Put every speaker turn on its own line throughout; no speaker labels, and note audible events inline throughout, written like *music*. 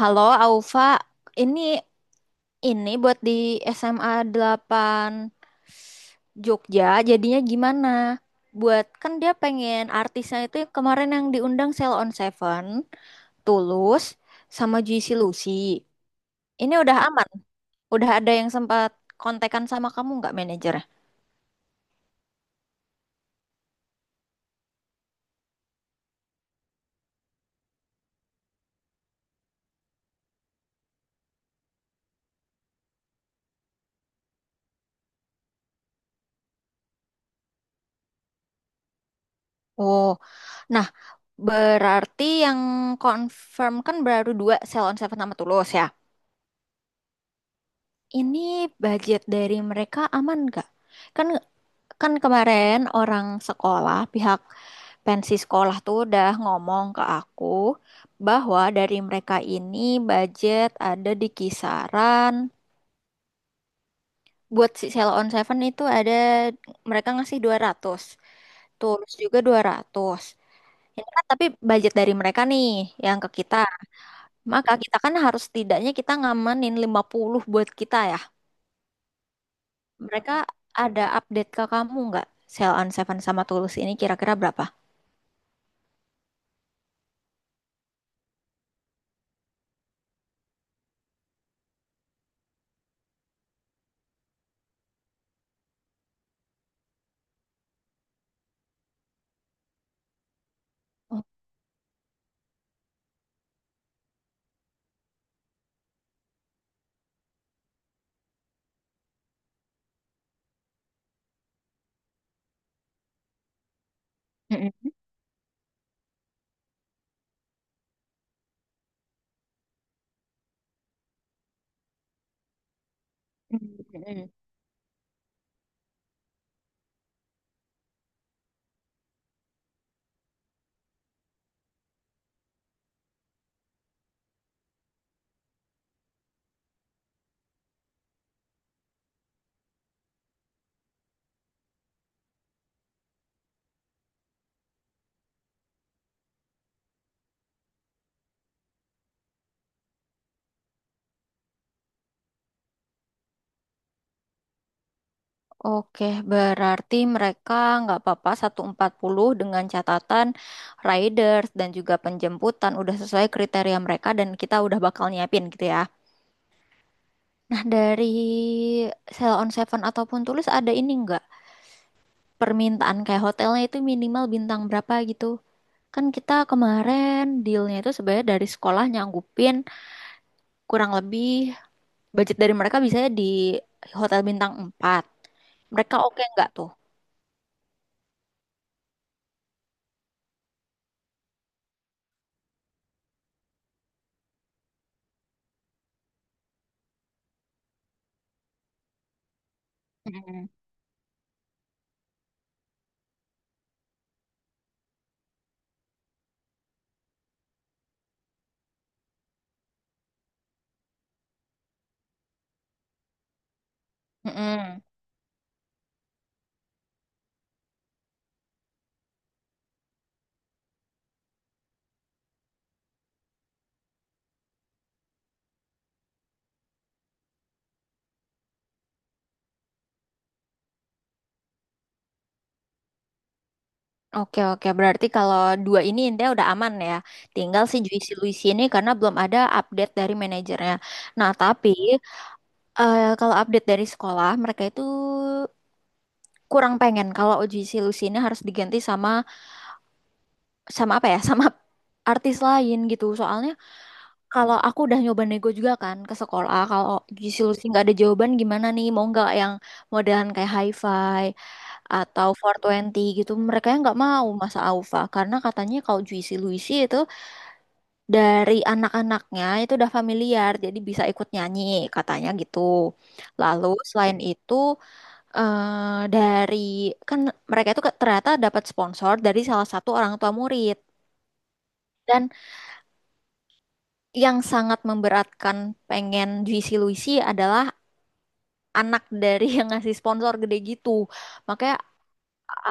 Halo Aufa, ini ini buat di SMA 8 Jogja, jadinya gimana? Buat kan dia pengen artisnya itu kemarin yang diundang Sell on Seven, Tulus, sama Juicy Lucy. Ini udah aman, udah ada yang sempat kontekan sama kamu nggak manajernya? Oh, nah berarti yang confirm kan baru dua Sell on Seven sama Tulus ya? Ini budget dari mereka aman nggak? Kan kan kemarin orang sekolah, pihak pensi sekolah tuh udah ngomong ke aku bahwa dari mereka ini budget ada di kisaran buat si Sell on Seven itu ada mereka ngasih 200, Tulus juga 200. Ini kan tapi budget dari mereka nih yang ke kita. Maka kita kan harus setidaknya kita ngamanin 50 buat kita ya. Mereka ada update ke kamu nggak? Sell on Seven sama Tulus ini kira-kira berapa? Oh, mm-mm, mm-mm. Oke, berarti mereka nggak apa-apa 140 dengan catatan riders dan juga penjemputan udah sesuai kriteria mereka dan kita udah bakal nyiapin gitu ya. Nah, dari Sell on Seven ataupun Tulus ada ini nggak? Permintaan kayak hotelnya itu minimal bintang berapa gitu? Kan kita kemarin dealnya itu sebenarnya dari sekolah nyanggupin kurang lebih budget dari mereka biasanya di hotel bintang 4. Mereka oke nggak tuh? Mm-mm, mm-mm. Oke, oke, berarti kalau dua ini intinya udah aman ya. Tinggal si Juicy Luicy ini karena belum ada update dari manajernya. Nah tapi kalau update dari sekolah mereka itu kurang pengen kalau Juicy Luicy ini harus diganti sama sama apa ya? *laughs* Sama artis lain gitu. Soalnya kalau aku udah nyoba nego juga kan ke sekolah kalau solusi nggak ada jawaban gimana nih mau nggak yang modelan kayak hi-fi atau four twenty gitu mereka yang nggak mau masa Aufa karena katanya kalau Juicy Luicy itu dari anak-anaknya itu udah familiar jadi bisa ikut nyanyi katanya gitu lalu selain itu dari kan mereka itu ternyata dapat sponsor dari salah satu orang tua murid. Dan yang sangat memberatkan pengen Juicy Luicy adalah anak dari yang ngasih sponsor gede gitu. Makanya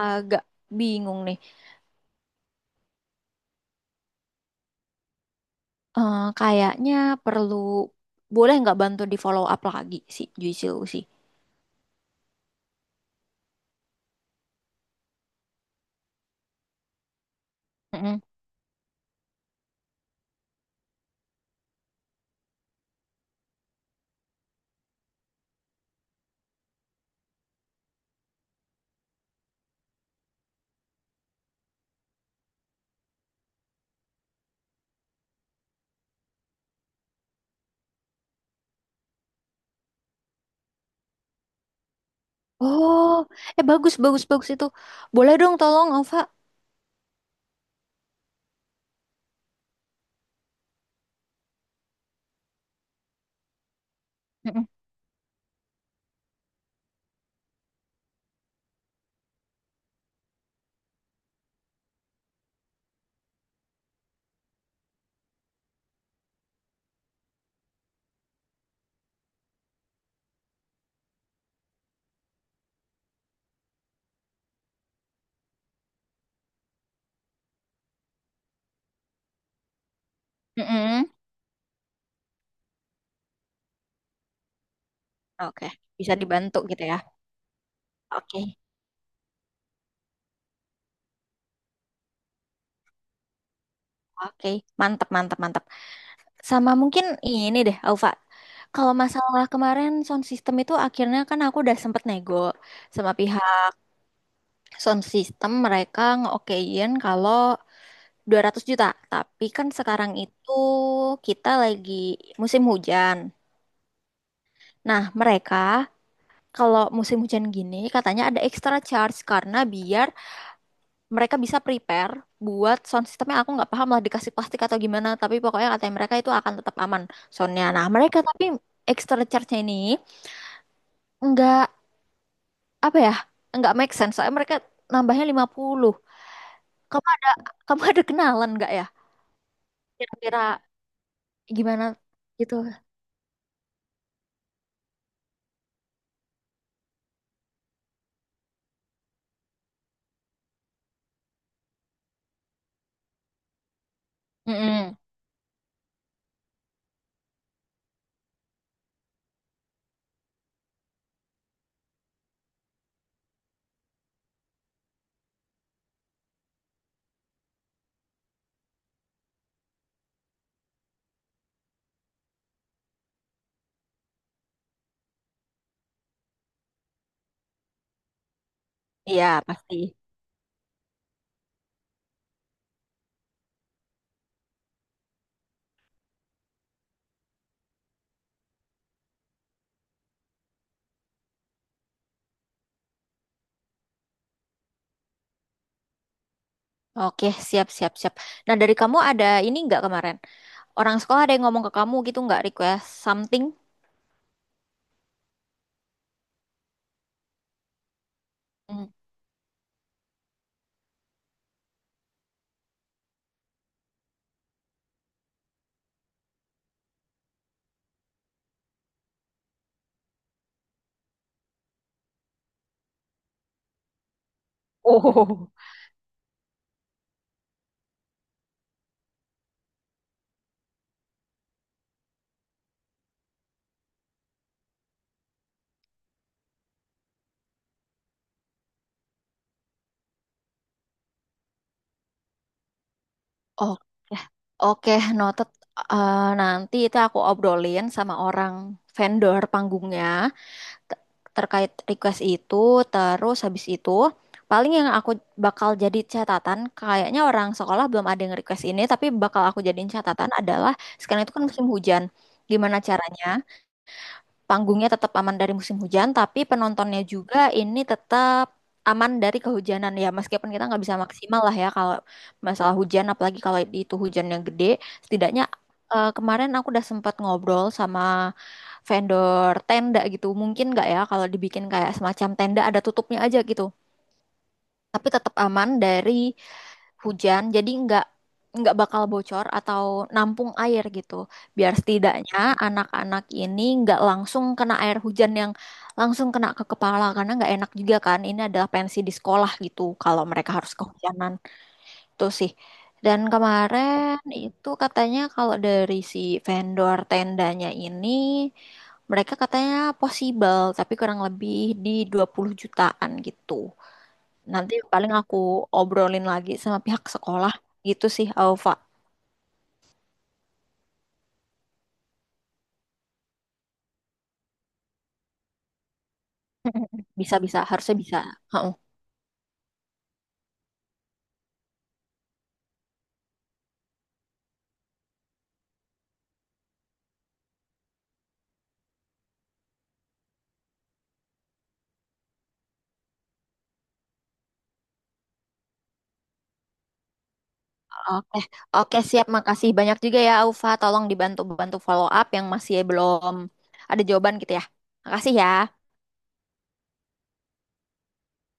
agak bingung nih. Kayaknya perlu boleh nggak bantu di follow up lagi si Juicy Lucy? Mm-mm, oh, bagus bagus bagus itu. Boleh dong tolong Ova. Mm-mm, mm-mm. Oke, bisa dibantu gitu ya. Oke, oke, mantap, mantap, mantap. Sama mungkin ini deh, Alfa. Kalau masalah kemarin sound system itu akhirnya kan aku udah sempet nego sama pihak sound system mereka ngeokein kalau 200 juta. Tapi kan sekarang itu kita lagi musim hujan. Nah, mereka kalau musim hujan gini katanya ada extra charge karena biar mereka bisa prepare buat sound systemnya aku nggak paham lah dikasih plastik atau gimana tapi pokoknya katanya mereka itu akan tetap aman soundnya nah mereka tapi extra charge-nya ini nggak apa ya nggak make sense soalnya mereka nambahnya 50. kamu ada, kamu ada kenalan nggak ya kira-kira gimana gitu. Mm-mm. Iya, pasti. Oke, siap, siap, siap. Nah, dari kamu ada ini nggak kemarin? Orang sekolah ada yang ngomong ke kamu gitu nggak request something? Mm. Oh. Oke, oke, noted. Nanti itu aku obrolin sama orang vendor panggungnya. te- Terkait request itu, terus habis itu paling yang aku bakal jadi catatan, kayaknya orang sekolah belum ada yang request ini tapi bakal aku jadiin catatan adalah sekarang itu kan musim hujan, gimana caranya panggungnya tetap aman dari musim hujan, tapi penontonnya juga ini tetap aman dari kehujanan ya. Meskipun kita nggak bisa maksimal lah ya kalau masalah hujan, apalagi kalau itu hujan yang gede. Setidaknya kemarin aku udah sempat ngobrol sama vendor tenda gitu. Mungkin nggak ya kalau dibikin kayak semacam tenda ada tutupnya aja gitu. Tapi tetap aman dari hujan jadi nggak bakal bocor atau nampung air gitu biar setidaknya anak-anak ini nggak langsung kena air hujan yang langsung kena ke kepala karena nggak enak juga kan ini adalah pensi di sekolah gitu kalau mereka harus kehujanan itu sih. Dan kemarin itu katanya kalau dari si vendor tendanya ini mereka katanya possible tapi kurang lebih di 20 jutaan gitu. Nanti paling aku obrolin lagi sama pihak sekolah gitu sih, Alfa. *laughs* Bisa-bisa, harusnya bisa. Heeh. Oke, oke siap. Makasih banyak juga ya, Alfa. Tolong dibantu-bantu follow up yang masih belum ada jawaban gitu ya. Makasih ya.